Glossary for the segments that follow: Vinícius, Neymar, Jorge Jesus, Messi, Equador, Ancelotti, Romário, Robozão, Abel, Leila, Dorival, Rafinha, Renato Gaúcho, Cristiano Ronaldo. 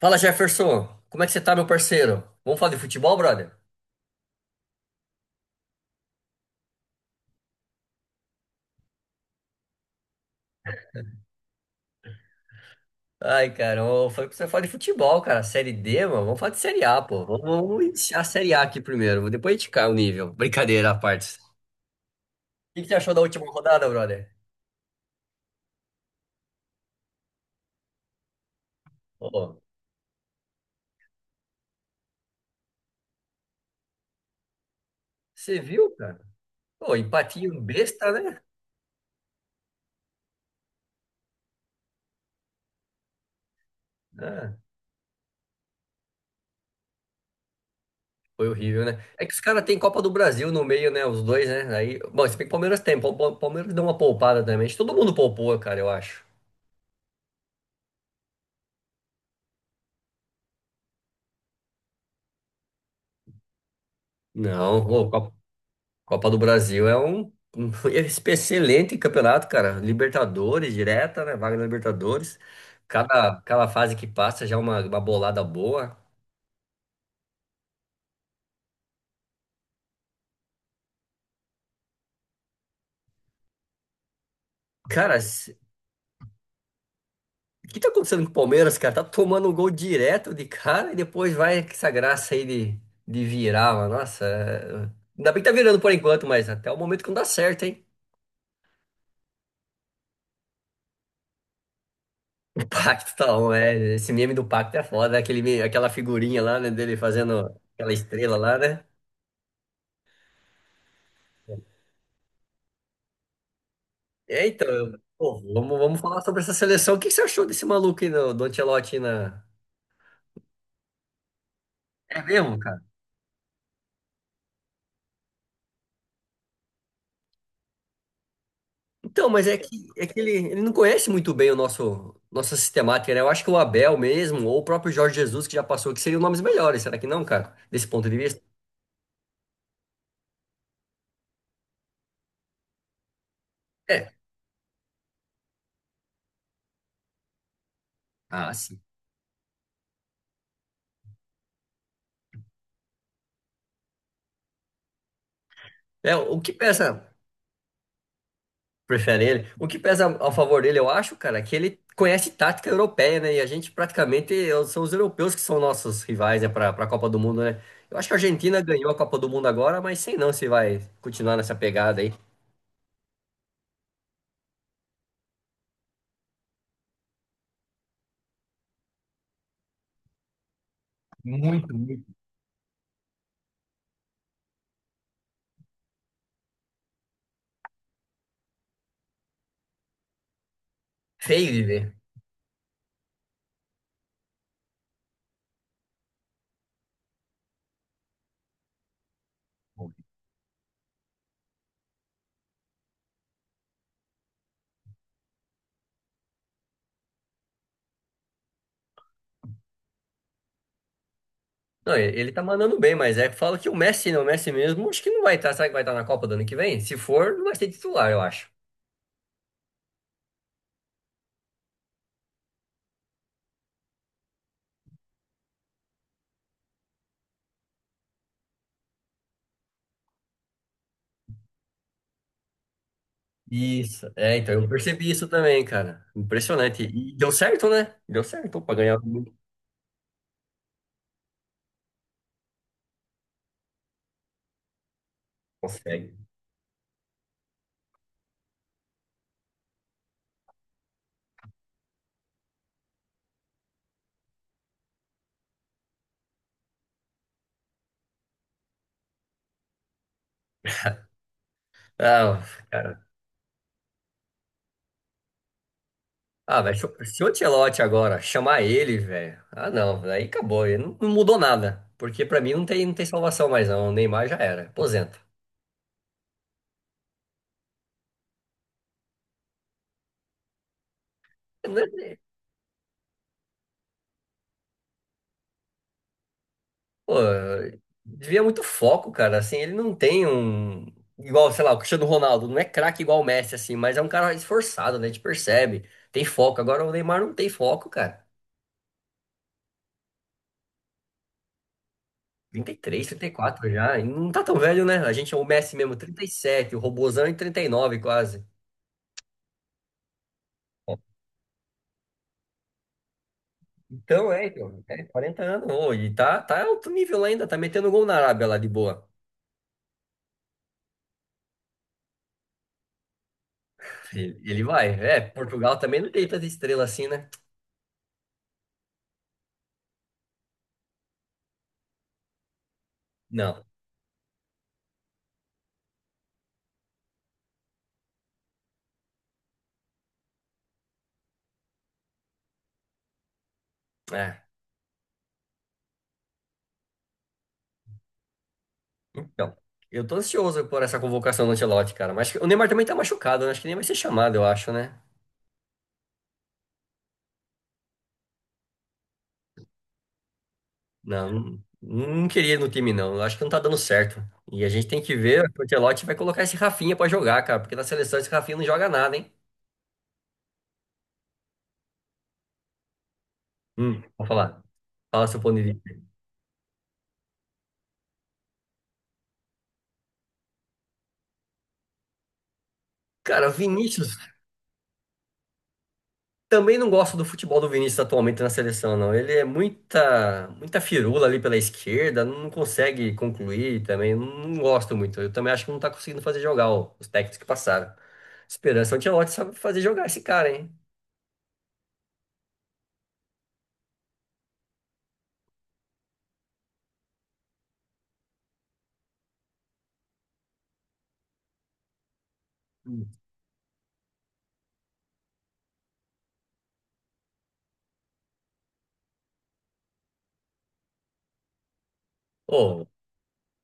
Fala Jefferson, como é que você tá, meu parceiro? Vamos falar de futebol, brother? Ai, cara, eu falei pra você falar de futebol, cara. Série D, mano, vamos falar de Série A, pô. Vamos iniciar a Série A aqui primeiro, depois a gente cai o nível. Brincadeira à parte. O que que você achou da última rodada, brother? Ô, você viu, cara? Pô, empatinho besta, né? Ah, foi horrível, né? É que os caras têm Copa do Brasil no meio, né? Os dois, né? Aí, bom, se bem que o Palmeiras tem, o Palmeiras deu uma poupada também. Acho que todo mundo poupou, cara, eu acho. Não, ô, Copa do Brasil é um excelente campeonato, cara. Libertadores direta, né? Vaga na Libertadores. Cada fase que passa já é uma bolada boa. Cara, o que tá acontecendo com o Palmeiras, cara? Tá tomando um gol direto de cara e depois vai com essa graça aí de virar, mano. Nossa, ainda bem que tá virando por enquanto, mas até o momento que não dá certo, hein? O Pacto tá on, é. Esse meme do Pacto é foda, né? Aquela figurinha lá, né, dele fazendo aquela estrela lá, né? É, então, pô, vamos falar sobre essa seleção. O que que você achou desse maluco aí, do Ancelotti na... É mesmo, cara? Então, mas é que ele não conhece muito bem o nossa sistemática, né? Eu acho que o Abel mesmo, ou o próprio Jorge Jesus, que já passou, que seriam nomes melhores, será que não, cara? Desse ponto de vista? É. Ah, sim. É, o que peça. Prefere ele. O que pesa ao favor dele, eu acho, cara, é que ele conhece tática europeia, né? E a gente praticamente são os europeus que são nossos rivais, né, para a Copa do Mundo, né? Eu acho que a Argentina ganhou a Copa do Mundo agora, mas sei não se vai continuar nessa pegada aí. Muito, muito. Feio de ver. Não, ele tá mandando bem, mas é que fala que o Messi, não, o Messi mesmo, acho que não vai estar. Será que vai estar na Copa do ano que vem? Se for, não vai ser titular, eu acho. Isso. É, então eu percebi isso também, cara. Impressionante. E deu certo, né? Deu certo pra ganhar. Consegue. Ah, cara. Ah, velho, se o Ancelotti agora chamar ele, velho. Ah, não, aí acabou. Ele Não, não mudou nada. Porque pra mim não tem, não tem salvação mais, não. O Neymar já era. Aposenta. Né? Pô, devia muito foco, cara. Assim, ele não tem um. Igual, sei lá, o Cristiano Ronaldo. Não é craque igual o Messi, assim, mas é um cara esforçado, né? A gente percebe. Tem foco. Agora o Neymar não tem foco, cara. Trinta e 34 já. E não tá tão velho, né? A gente é o Messi mesmo, 37. O Robozão em 39 quase. Então, é 40 anos hoje, tá alto nível lá ainda, tá metendo gol na Arábia lá de boa. Ele vai, Portugal também não tem tanta estrela assim, né? Não, é, então, eu tô ansioso por essa convocação do Ancelotti, cara, mas o Neymar também tá machucado, né? Acho que nem vai ser chamado, eu acho, né? Não, não, não queria ir no time, não, eu acho que não tá dando certo. E a gente tem que ver, o Ancelotti vai colocar esse Rafinha pra jogar, cara, porque na seleção esse Rafinha não joga nada, hein? Vou falar, fala seu ponto de vista. Cara, Vinícius Também não gosto do futebol do Vinícius atualmente na seleção, não. Ele é muita, muita firula ali pela esquerda, não consegue concluir também. Não gosto muito. Eu também acho que não tá conseguindo fazer jogar, ó, os técnicos que passaram. Esperança Ancelotti sabe fazer jogar esse cara, hein? Hum. Ô,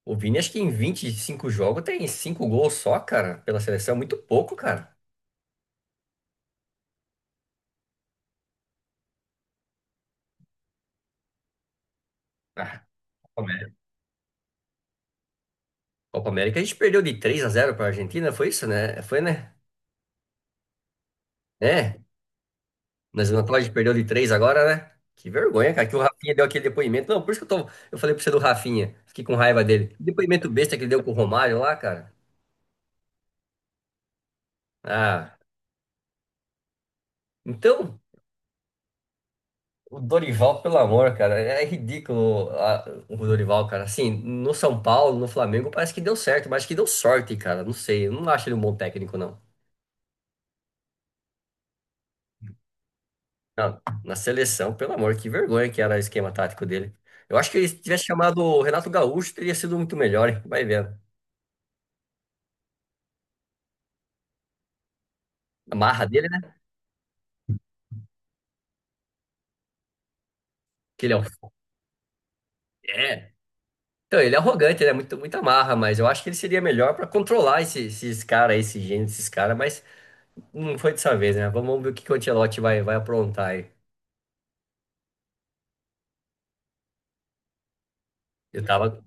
o Vini acho que em 25 jogos tem 5 gols só, cara, pela seleção. É muito pouco, cara. Ah, Copa América. Copa América a gente perdeu de três a 0 pra Argentina, foi isso, né? Foi, né? É. Mas não pode, perdeu de três agora, né? Que vergonha, cara, que o Rafinha deu aquele depoimento. Não, por isso que eu tô, eu falei pra você do Rafinha. Fiquei com raiva dele. Que depoimento besta que ele deu com o Romário lá, cara. Ah, então, o Dorival, pelo amor, cara, é ridículo, o Dorival, cara. Assim, no São Paulo, no Flamengo, parece que deu certo, mas acho que deu sorte, cara. Não sei, eu não acho ele um bom técnico, não. Não, na seleção, pelo amor, que vergonha que era o esquema tático dele. Eu acho que ele, se tivesse chamado o Renato Gaúcho, teria sido muito melhor, hein? Vai vendo. A marra dele, né? Que ele é um É. Então, ele é arrogante, ele é muito, muito amarra, mas eu acho que ele seria melhor pra controlar esses caras, esses gênios, esses caras, mas não foi dessa vez, né? Vamos ver o que que o Ancelotti vai aprontar aí. Eu tava.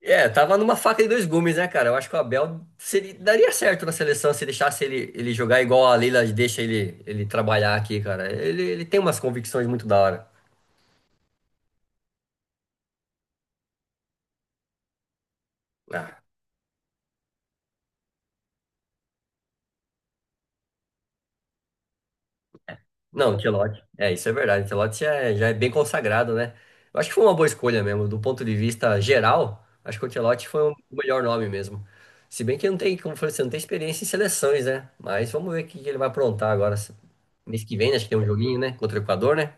É, tava numa faca de dois gumes, né, cara? Eu acho que o Abel seria, daria certo na seleção se deixasse ele jogar igual a Leila deixa ele trabalhar aqui, cara. Ele tem umas convicções muito da hora. Ah, não, Ancelotti. É, isso é verdade. Ancelotti já é bem consagrado, né? Eu acho que foi uma boa escolha mesmo. Do ponto de vista geral, acho que o Ancelotti foi o melhor nome mesmo. Se bem que não tem, como eu falei, você não tem experiência em seleções, né? Mas vamos ver o que que ele vai aprontar agora. Mês que vem, né? Acho que tem um joguinho, né? Contra o Equador, né?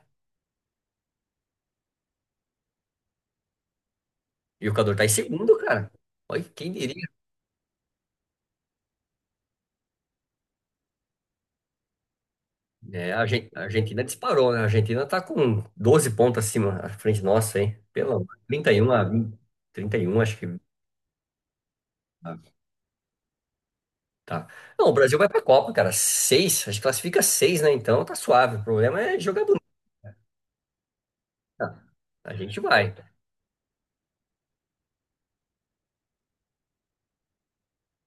E o Equador tá em segundo, cara. Olha, quem diria? É, a Argentina disparou, né? A Argentina tá com 12 pontos acima à frente nossa, hein? Pelo amor. 31 a 20, 31, acho que. Tá. Não, o Brasil vai pra Copa, cara. Seis, a gente classifica seis, né? Então tá suave. O problema é jogar bonito. Cara. A gente vai.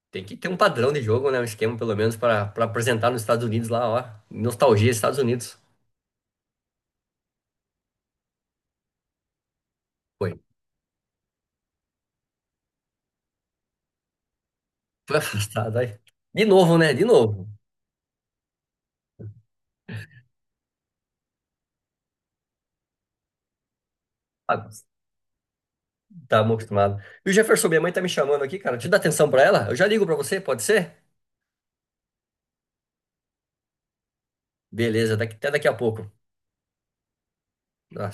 Tem que ter um padrão de jogo, né? Um esquema, pelo menos, para apresentar nos Estados Unidos lá, ó. Nostalgia, dos Estados Unidos. Foi. Foi afastado aí. De novo, né? De novo. Ah, tá mal acostumado. E o Jefferson, minha mãe tá me chamando aqui, cara. Deixa eu dar atenção pra ela. Eu já ligo pra você, pode ser? Beleza, até daqui a pouco. Tá.